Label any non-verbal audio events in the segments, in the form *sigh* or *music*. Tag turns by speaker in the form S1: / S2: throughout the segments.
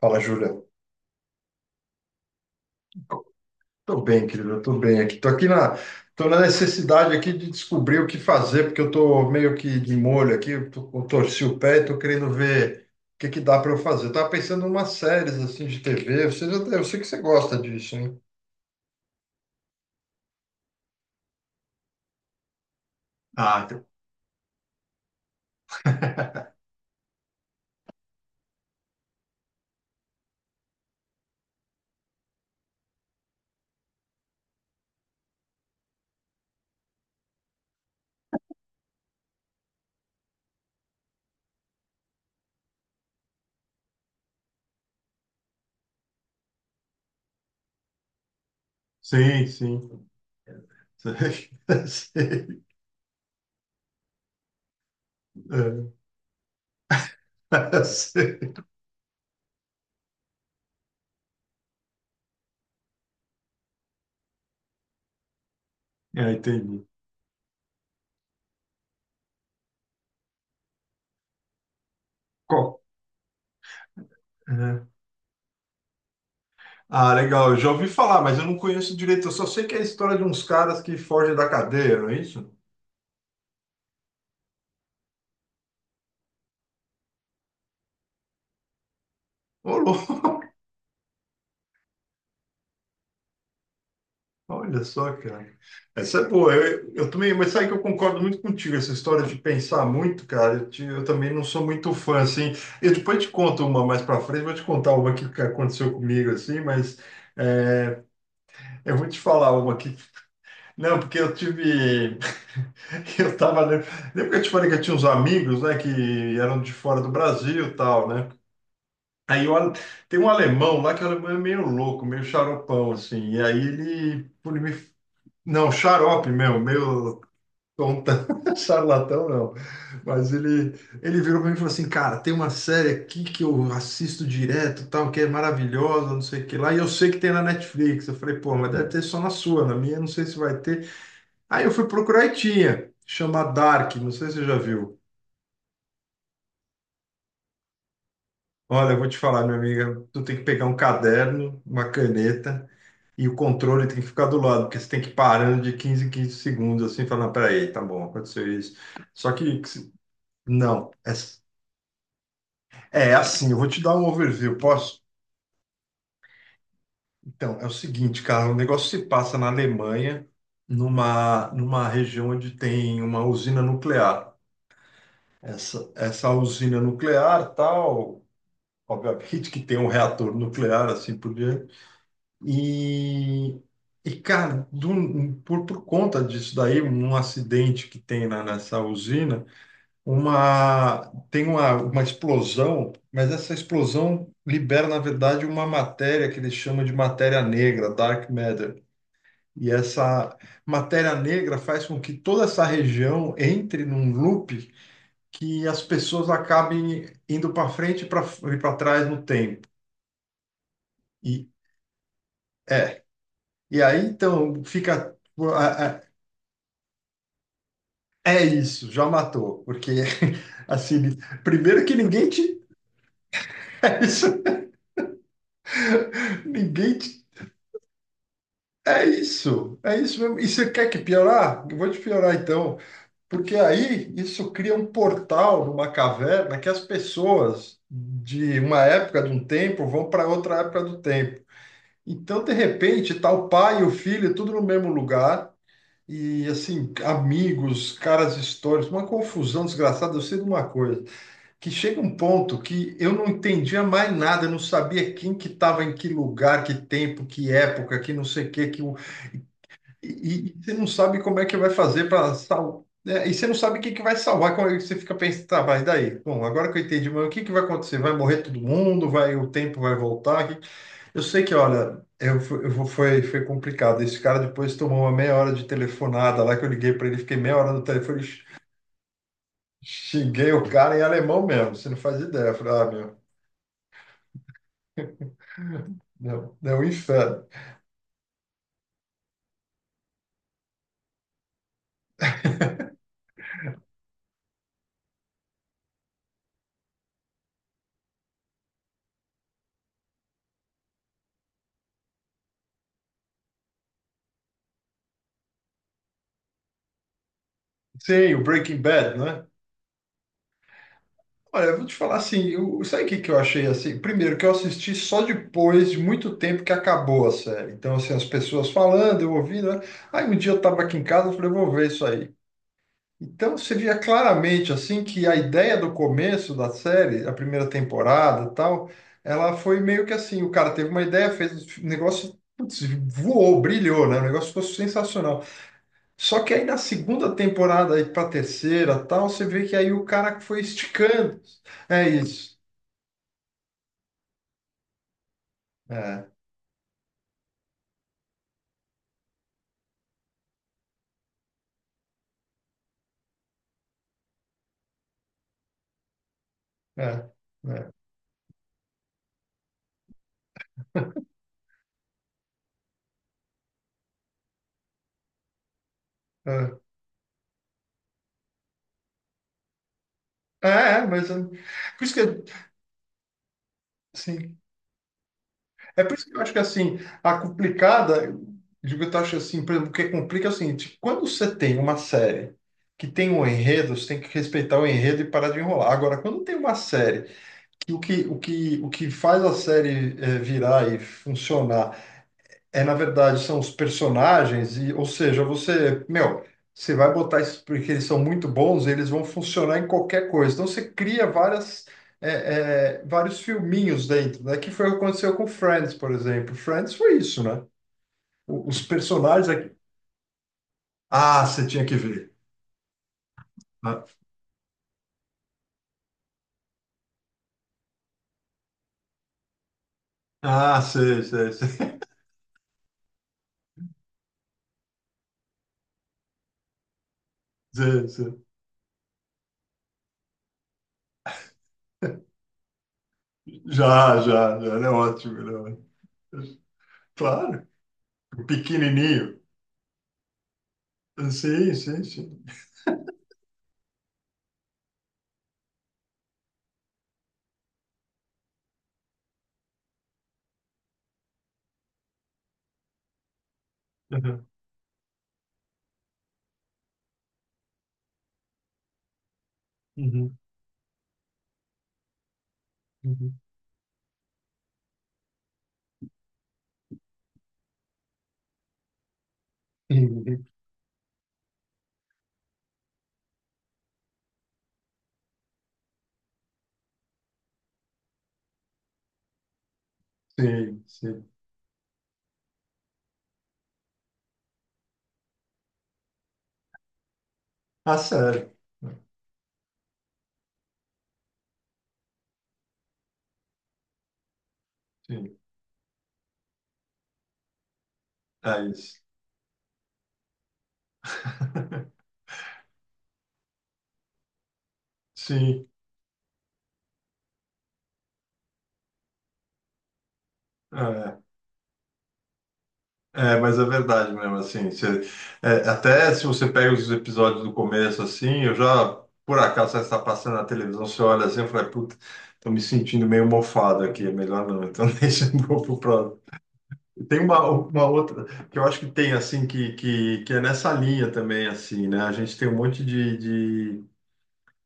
S1: Fala, Júlia. Tô bem, querido, eu tô bem aqui. Tô na necessidade aqui de descobrir o que fazer, porque eu tô meio que de molho aqui, eu torci o pé e tô querendo ver o que que dá para eu fazer. Eu tava pensando em umas séries assim de TV, eu sei que você gosta disso, hein? Ah, então- sim, sim. *laughs* Sei. É, *laughs* sei. É, entendi. Qual? Uhum. Ah, legal. Eu já ouvi falar, mas eu não conheço direito. Eu só sei que é a história de uns caras que fogem da cadeia, não é isso? Ô, louco. Olha só, cara. Essa é boa. Eu também, mas sabe que eu concordo muito contigo, essa história de pensar muito, cara. Eu também não sou muito fã, assim. Eu depois te conto uma mais pra frente, vou te contar uma que aconteceu comigo, assim, mas é, eu vou te falar uma aqui. Não, porque eu tive. *laughs* Eu tava. Lembra que eu te falei que eu tinha uns amigos, né, que eram de fora do Brasil e tal, né? Aí tem um alemão lá que o alemão é meio louco, meio xaropão, assim. E aí ele me não, xarope mesmo, meio tonta, *laughs* charlatão não. Mas ele virou para mim e falou assim, cara, tem uma série aqui que eu assisto direto, tal, que é maravilhosa, não sei o que lá, e eu sei que tem na Netflix. Eu falei, pô, mas deve ter só na sua, na minha não sei se vai ter. Aí eu fui procurar e tinha, chama Dark, não sei se você já viu. Olha, eu vou te falar, minha amiga, tu tem que pegar um caderno, uma caneta, e o controle tem que ficar do lado, porque você tem que ir parando de 15 em 15 segundos, assim, falando, "Ah, peraí, tá bom, aconteceu isso. Só que, não, é. Assim, eu vou te dar um overview, posso? Então, é o seguinte, cara, o negócio se passa na Alemanha, numa região onde tem uma usina nuclear. Essa usina nuclear, tal, obviamente que tem um reator nuclear, assim por diante. E, e cara, por conta disso daí, um acidente que tem nessa usina, uma tem uma explosão, mas essa explosão libera, na verdade, uma matéria que eles chamam de matéria negra, dark matter. E essa matéria negra faz com que toda essa região entre num loop que as pessoas acabem indo para frente e para trás no tempo. E é. E aí então fica é isso, já matou, porque *laughs* assim, primeiro que ninguém te *laughs* é isso, ninguém te é isso, é isso mesmo. E você quer que piorar? Eu vou te piorar então, porque aí isso cria um portal numa caverna que as pessoas de uma época de um tempo vão para outra época do tempo. Então, de repente, tá o pai e o filho tudo no mesmo lugar e assim, amigos, caras históricos, uma confusão desgraçada. Eu sei de uma coisa, que chega um ponto que eu não entendia mais nada, eu não sabia quem que estava em que lugar, que tempo, que época, que não sei o que, que e você não sabe como é que vai fazer para salvar. E você não sabe o que que vai salvar. Como é que você fica pensando, tá, mas daí? Bom, agora que eu entendi, mas o que que vai acontecer? Vai morrer todo mundo? Vai, o tempo vai voltar? Que- eu sei que, olha, eu, foi complicado. Esse cara depois tomou uma meia hora de telefonada lá que eu liguei para ele, fiquei meia hora no telefone, x- xinguei o cara em alemão mesmo. Você não faz ideia. Eu falei, ah, meu, é um inferno. Sim, o Breaking Bad, né? Olha, eu vou te falar assim, eu, sabe o que que eu achei assim? Primeiro, que eu assisti só depois de muito tempo que acabou a série. Então, assim, as pessoas falando, eu ouvindo, né? Aí um dia eu estava aqui em casa, eu falei, vou ver isso aí. Então, você via claramente, assim, que a ideia do começo da série, a primeira temporada e tal, ela foi meio que assim, o cara teve uma ideia, fez um negócio, putz, voou, brilhou, né? O negócio ficou sensacional. Só que aí na segunda temporada, aí pra terceira tal, você vê que aí o cara foi esticando. É isso. É, é, é, é, mas é, por isso que, assim, é por isso que eu acho que, assim, a complicada, eu digo, eu acho assim, por exemplo, o que complica é o seguinte, quando você tem uma série que tem um enredo, você tem que respeitar o enredo e parar de enrolar. Agora, quando tem uma série que o que faz a série virar e funcionar é, na verdade, são os personagens, e, ou seja, você, meu, você vai botar isso porque eles são muito bons, eles vão funcionar em qualquer coisa. Então você cria vários filminhos dentro, né? Que foi o que aconteceu com Friends, por exemplo. Friends foi isso, né? Os personagens aqui. Ah, você tinha que ver. Ah, ah, sei, sei, sei, *laughs* sei, sei. Já, já, já, ele é ótimo, ele é ótimo. Claro, o pequenininho. Sim, sim, sim. Uhum, uhum, uhum. *laughs* Sim, sim. Ah, sério. Sim, é isso. *laughs* Sim, é, mas é verdade mesmo, assim, é, até se você pega os episódios do começo, assim, eu já, por acaso, você está passando na televisão, você olha assim, eu falei, puta, tô me sentindo meio mofado aqui, é melhor não, então *laughs* deixa eu vou pro próximo. Tem uma outra, que eu acho que tem, assim, que é nessa linha também, assim, né, a gente tem um monte de, de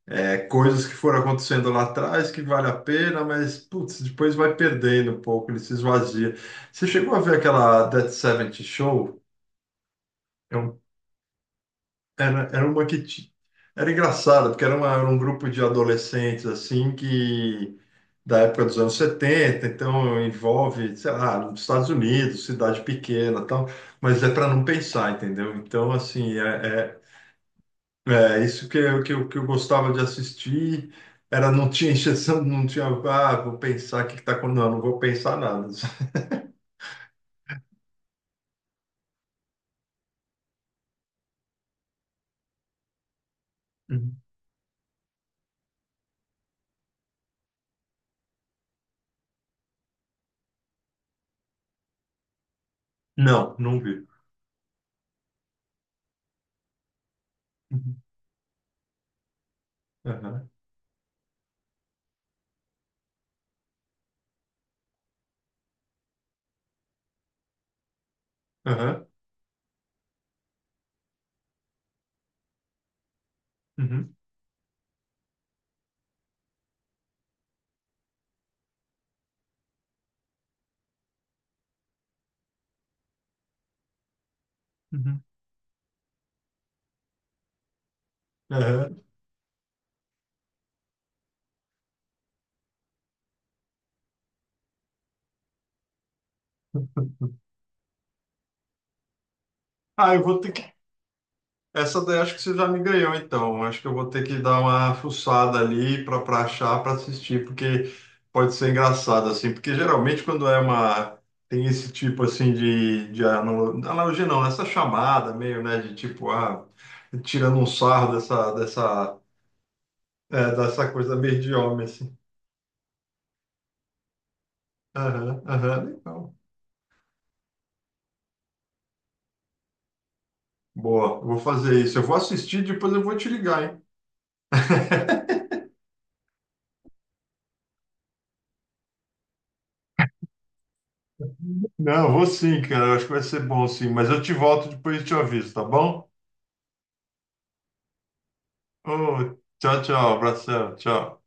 S1: É, coisas que foram acontecendo lá atrás que vale a pena, mas putz, depois vai perdendo um pouco, ele se esvazia. Você chegou a ver aquela That 70 Show? É um- Era, era uma que era engraçada, porque era, era um grupo de adolescentes assim que da época dos anos 70, então envolve, sei lá, nos Estados Unidos, cidade pequena, e tal, mas é para não pensar, entendeu? Então assim, é, é, é, isso que eu, que eu, que eu gostava de assistir era não tinha injeção, não tinha, ah, vou pensar o que que tá acontecendo. Não, não vou pensar nada. *laughs* Uhum. Não, não vi. Uhum. Aham, aham, uhum, uhum, aham. Ah, eu vou ter que essa daí acho que você já me ganhou, então. Acho que eu vou ter que dar uma fuçada ali para para achar, para assistir, porque pode ser engraçado, assim. Porque geralmente quando é uma... Tem esse tipo, assim, de analogia, não. Né? Essa chamada meio, né, de tipo, ah, tirando um sarro dessa, é, dessa coisa meio de homem, assim. Aham, aham, legal. Boa, eu vou fazer isso. Eu vou assistir, depois eu vou te ligar, hein? *laughs* Não, eu vou sim, cara. Eu acho que vai ser bom, sim. Mas eu te volto depois e te aviso, tá bom? Oh, tchau, tchau. Abração. Tchau.